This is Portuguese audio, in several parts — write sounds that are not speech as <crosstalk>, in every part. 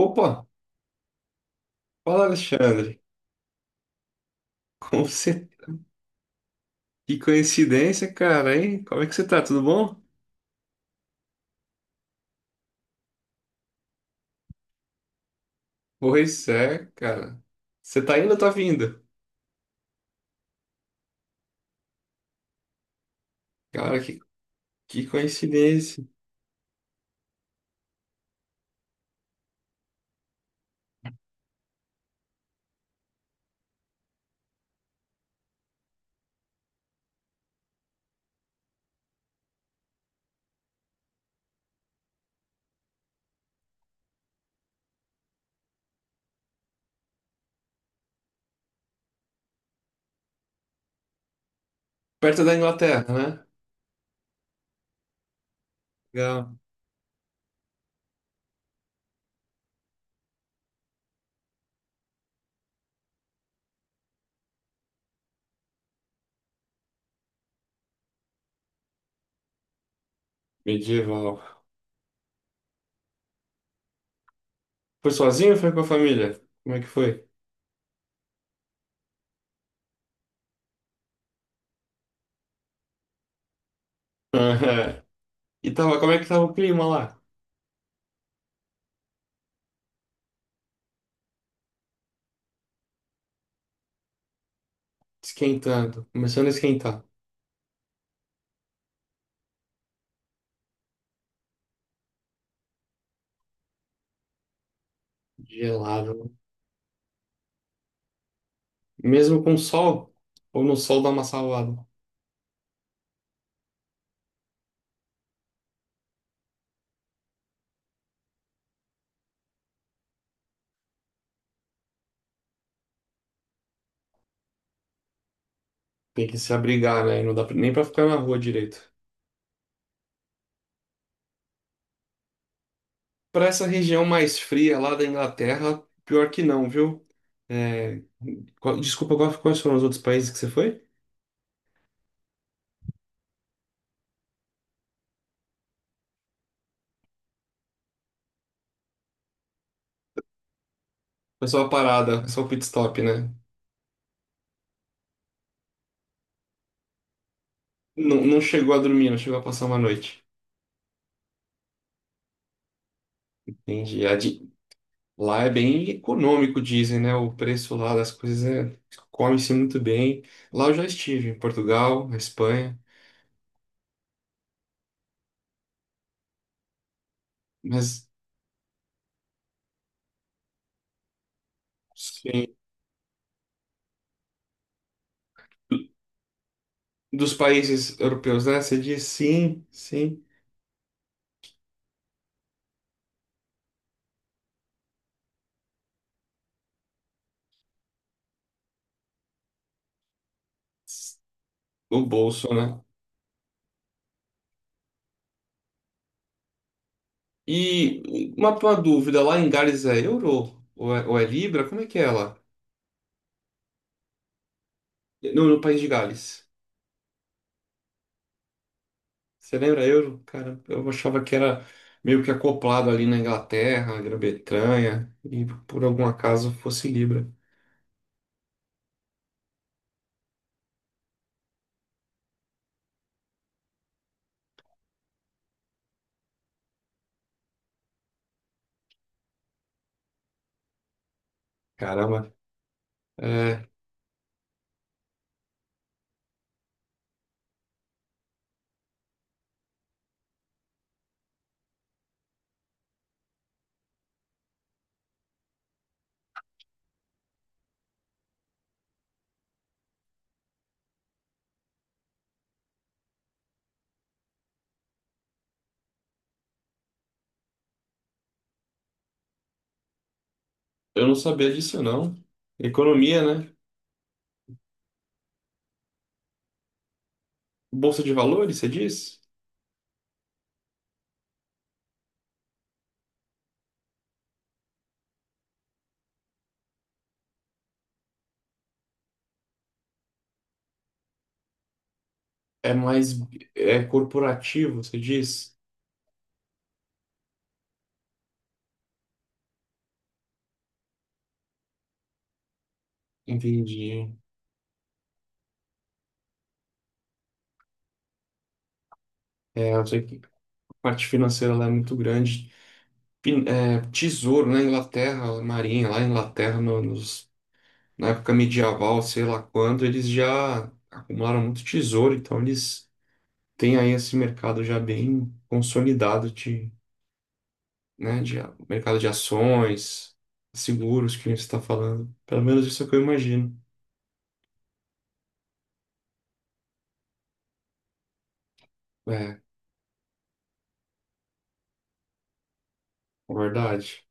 Opa, fala Alexandre. Como você... Que coincidência, cara, hein? Como é que você tá? Tudo bom? Pois é, cara. Você tá indo ou tá vindo? Cara, que, que coincidência. Perto da Inglaterra, né? Legal. Medieval. Foi sozinho ou foi com a família? Como é que foi? <laughs> Aham. E tava, como é que tava o clima lá? Esquentando. Começando a esquentar. Gelado, né? Mesmo com sol, ou no sol dá uma salvada. Tem que se abrigar, né? Nem pra ficar na rua direito. Para essa região mais fria lá da Inglaterra, pior que não, viu? É, desculpa, quais foram os outros países que você foi? Foi só uma parada, só o pit stop, né? Não, não chegou a dormir, não chegou a passar uma noite. Entendi. Lá é bem econômico, dizem, né? O preço lá das coisas é... come-se muito bem. Lá eu já estive, em Portugal, na Espanha, mas sim. Dos países europeus, né? Você diz, sim, sim. O bolso, né? E uma dúvida, lá em Gales é euro? Ou é libra? Como é que é lá? Não, no país de Gales. Você lembra euro? Cara, eu achava que era meio que acoplado ali na Inglaterra, na Grã-Bretanha, e por algum acaso fosse libra. Caramba, é, eu não sabia disso não. Economia, né? Bolsa de valores, você diz? É mais é corporativo, você diz? Entendi. É, eu sei que a parte financeira lá é muito grande. É, tesouro na Inglaterra, marinha lá na Inglaterra, na época medieval, sei lá quando, eles já acumularam muito tesouro, então eles têm aí esse mercado já bem consolidado de, né, de mercado de ações, seguros que a gente está falando. Pelo menos isso é o que eu imagino. É, é verdade.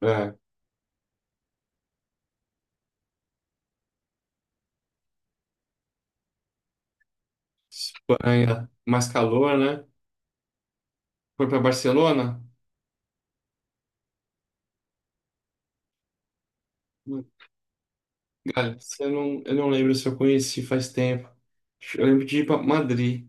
É, Espanha, mais calor, né? Foi para Barcelona? Cara, você não, eu não lembro se eu conheci faz tempo. Eu lembro de ir para Madrid.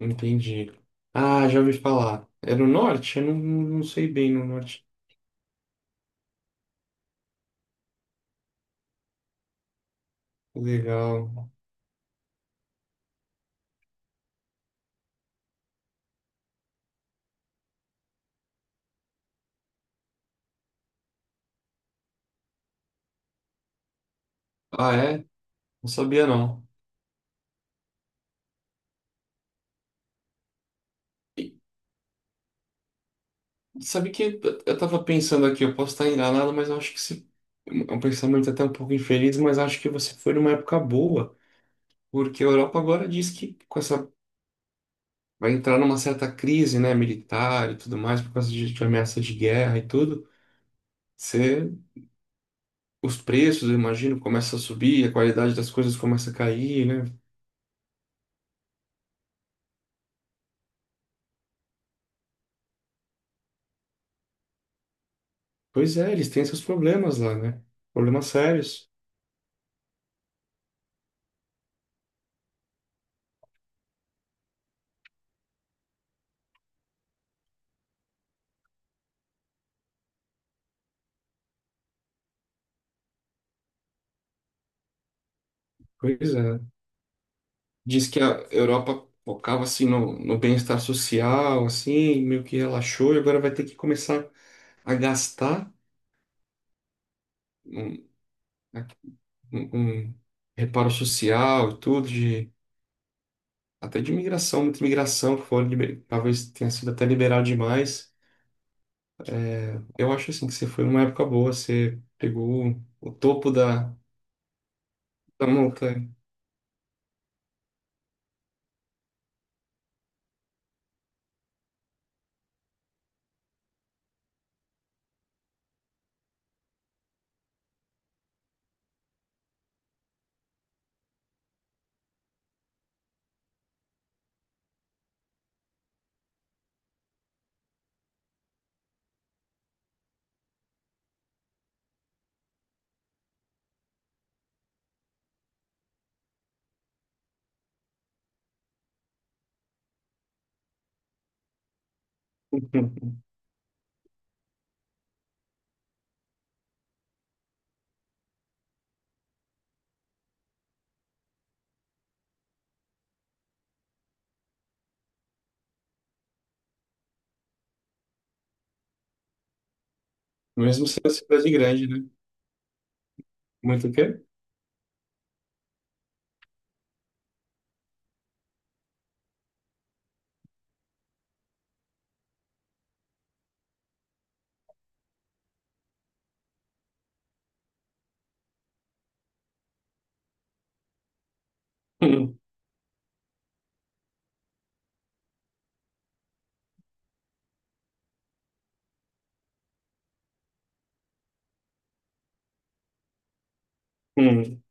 Entendi. Ah, já ouvi falar. É no norte? Eu não, não sei bem no norte. Legal. Ah, é? Não sabia não. E sabe que eu tava pensando aqui, eu posso estar enganado, mas eu acho que se... é um pensamento até um pouco infeliz, mas acho que você foi numa época boa, porque a Europa agora diz que com essa vai entrar numa certa crise, né, militar e tudo mais, por causa de ameaça de guerra e tudo. Você... Os preços, eu imagino, começam a subir, a qualidade das coisas começa a cair, né? Pois é, eles têm seus problemas lá, né? Problemas sérios. Pois é. Diz que a Europa focava assim no, no bem-estar social, assim, meio que relaxou, e agora vai ter que começar a gastar um, um- um reparo social e tudo, de, até de imigração, muita imigração, que foi, talvez tenha sido até liberal demais. Eu acho assim que você foi numa época boa, você pegou o topo da, da montanha, <laughs> mesmo sendo uma cidade grande, né? Muito o quê? <laughs>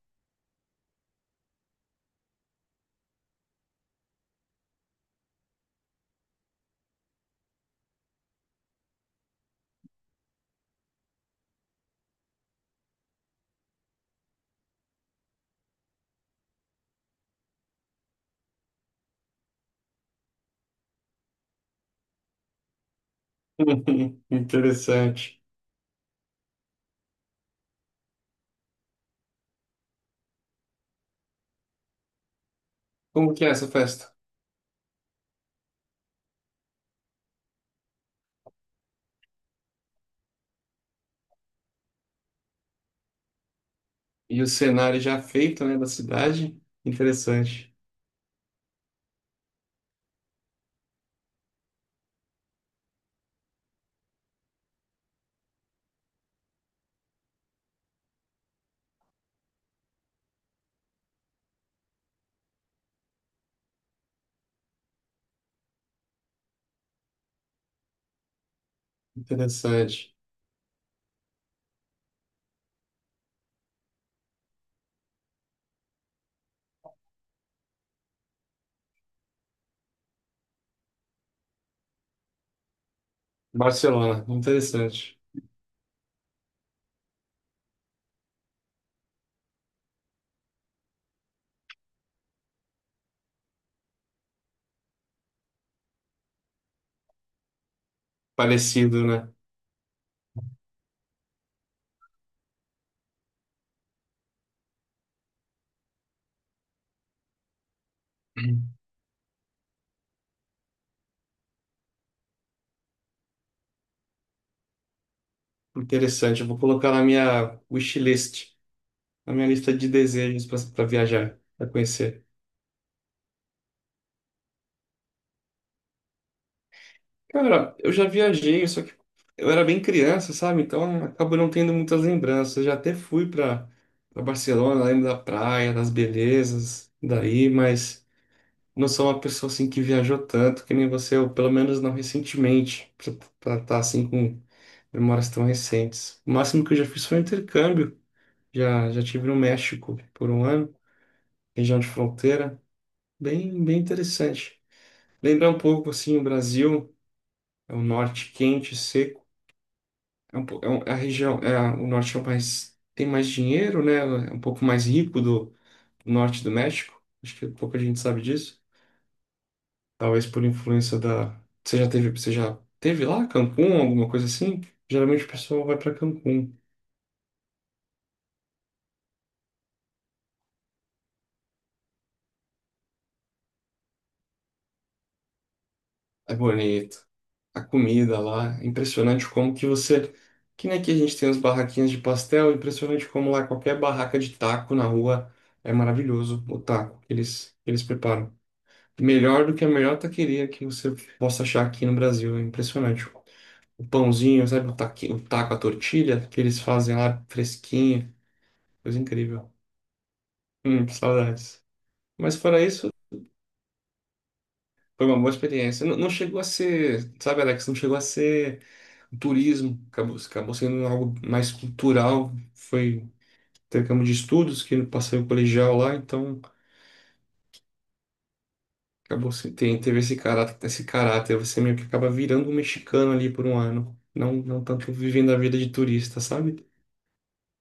<laughs> Uhum, interessante. Como que é essa festa? E o cenário já feito, né, da cidade? Interessante, interessante. Barcelona, interessante. Parecido, né? Interessante. Eu vou colocar na minha wishlist, na minha lista de desejos para viajar, para conhecer. Cara, eu já viajei, só que eu era bem criança, sabe? Então acabo não tendo muitas lembranças. Eu já até fui para Barcelona, lembro da praia, das belezas daí, mas não sou uma pessoa assim que viajou tanto que nem você, ou pelo menos não recentemente, para estar assim com memórias tão recentes. O máximo que eu já fiz foi um intercâmbio. Já tive no México por um ano, região de fronteira, bem interessante. Lembra um pouco assim o Brasil, é o norte quente, seco. É a região, é a- o norte é o mais tem mais dinheiro, né? É um pouco mais rico do, do norte do México. Acho que pouca gente sabe disso. Talvez por influência da. Você já teve lá Cancún, alguma coisa assim? Geralmente o pessoal vai para Cancún. É bonito. A comida lá, é impressionante como que você. Que nem aqui a gente tem as barraquinhas de pastel, é impressionante como lá qualquer barraca de taco na rua é maravilhoso o taco que eles preparam. Melhor do que a melhor taqueria que você possa achar aqui no Brasil. É impressionante. O pãozinho, sabe, o taco, a tortilha que eles fazem lá fresquinho, coisa incrível. Que saudades. Mas fora isso, foi uma boa experiência. Não, não chegou a ser, sabe, Alex, não chegou a ser um turismo, acabou sendo algo mais cultural. Foi, teve campo de estudos que eu passei o colegial lá, então acabou se- tem, teve esse caráter, esse caráter. Você meio que acaba virando um mexicano ali por um ano. Não, não tanto vivendo a vida de turista, sabe?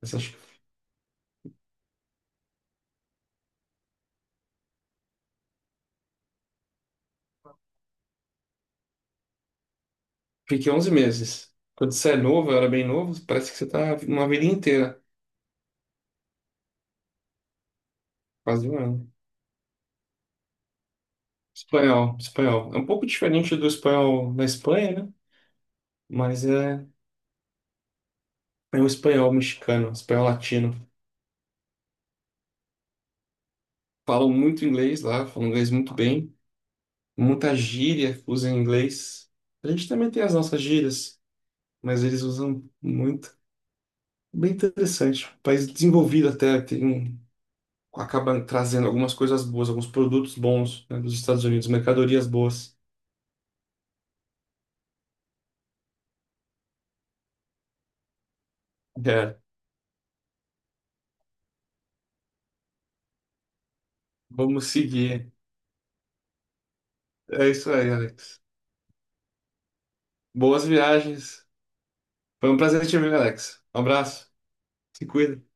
Mas acho que fiquei 11 meses. Quando você é novo, eu era bem novo, parece que você tá uma vida inteira, quase um ano. Espanhol, espanhol. É um pouco diferente do espanhol na Espanha, né? Mas é, é um espanhol mexicano, espanhol latino. Falam muito inglês lá, falam inglês muito bem. Muita gíria usam inglês. A gente também tem as nossas gírias, mas eles usam muito. Bem interessante. Um país desenvolvido até, tem, um, acaba trazendo algumas coisas boas, alguns produtos bons, né, dos Estados Unidos, mercadorias boas. É, vamos seguir. É isso aí, Alex. Boas viagens. Foi um prazer te ver, Alex. Um abraço. Se cuida.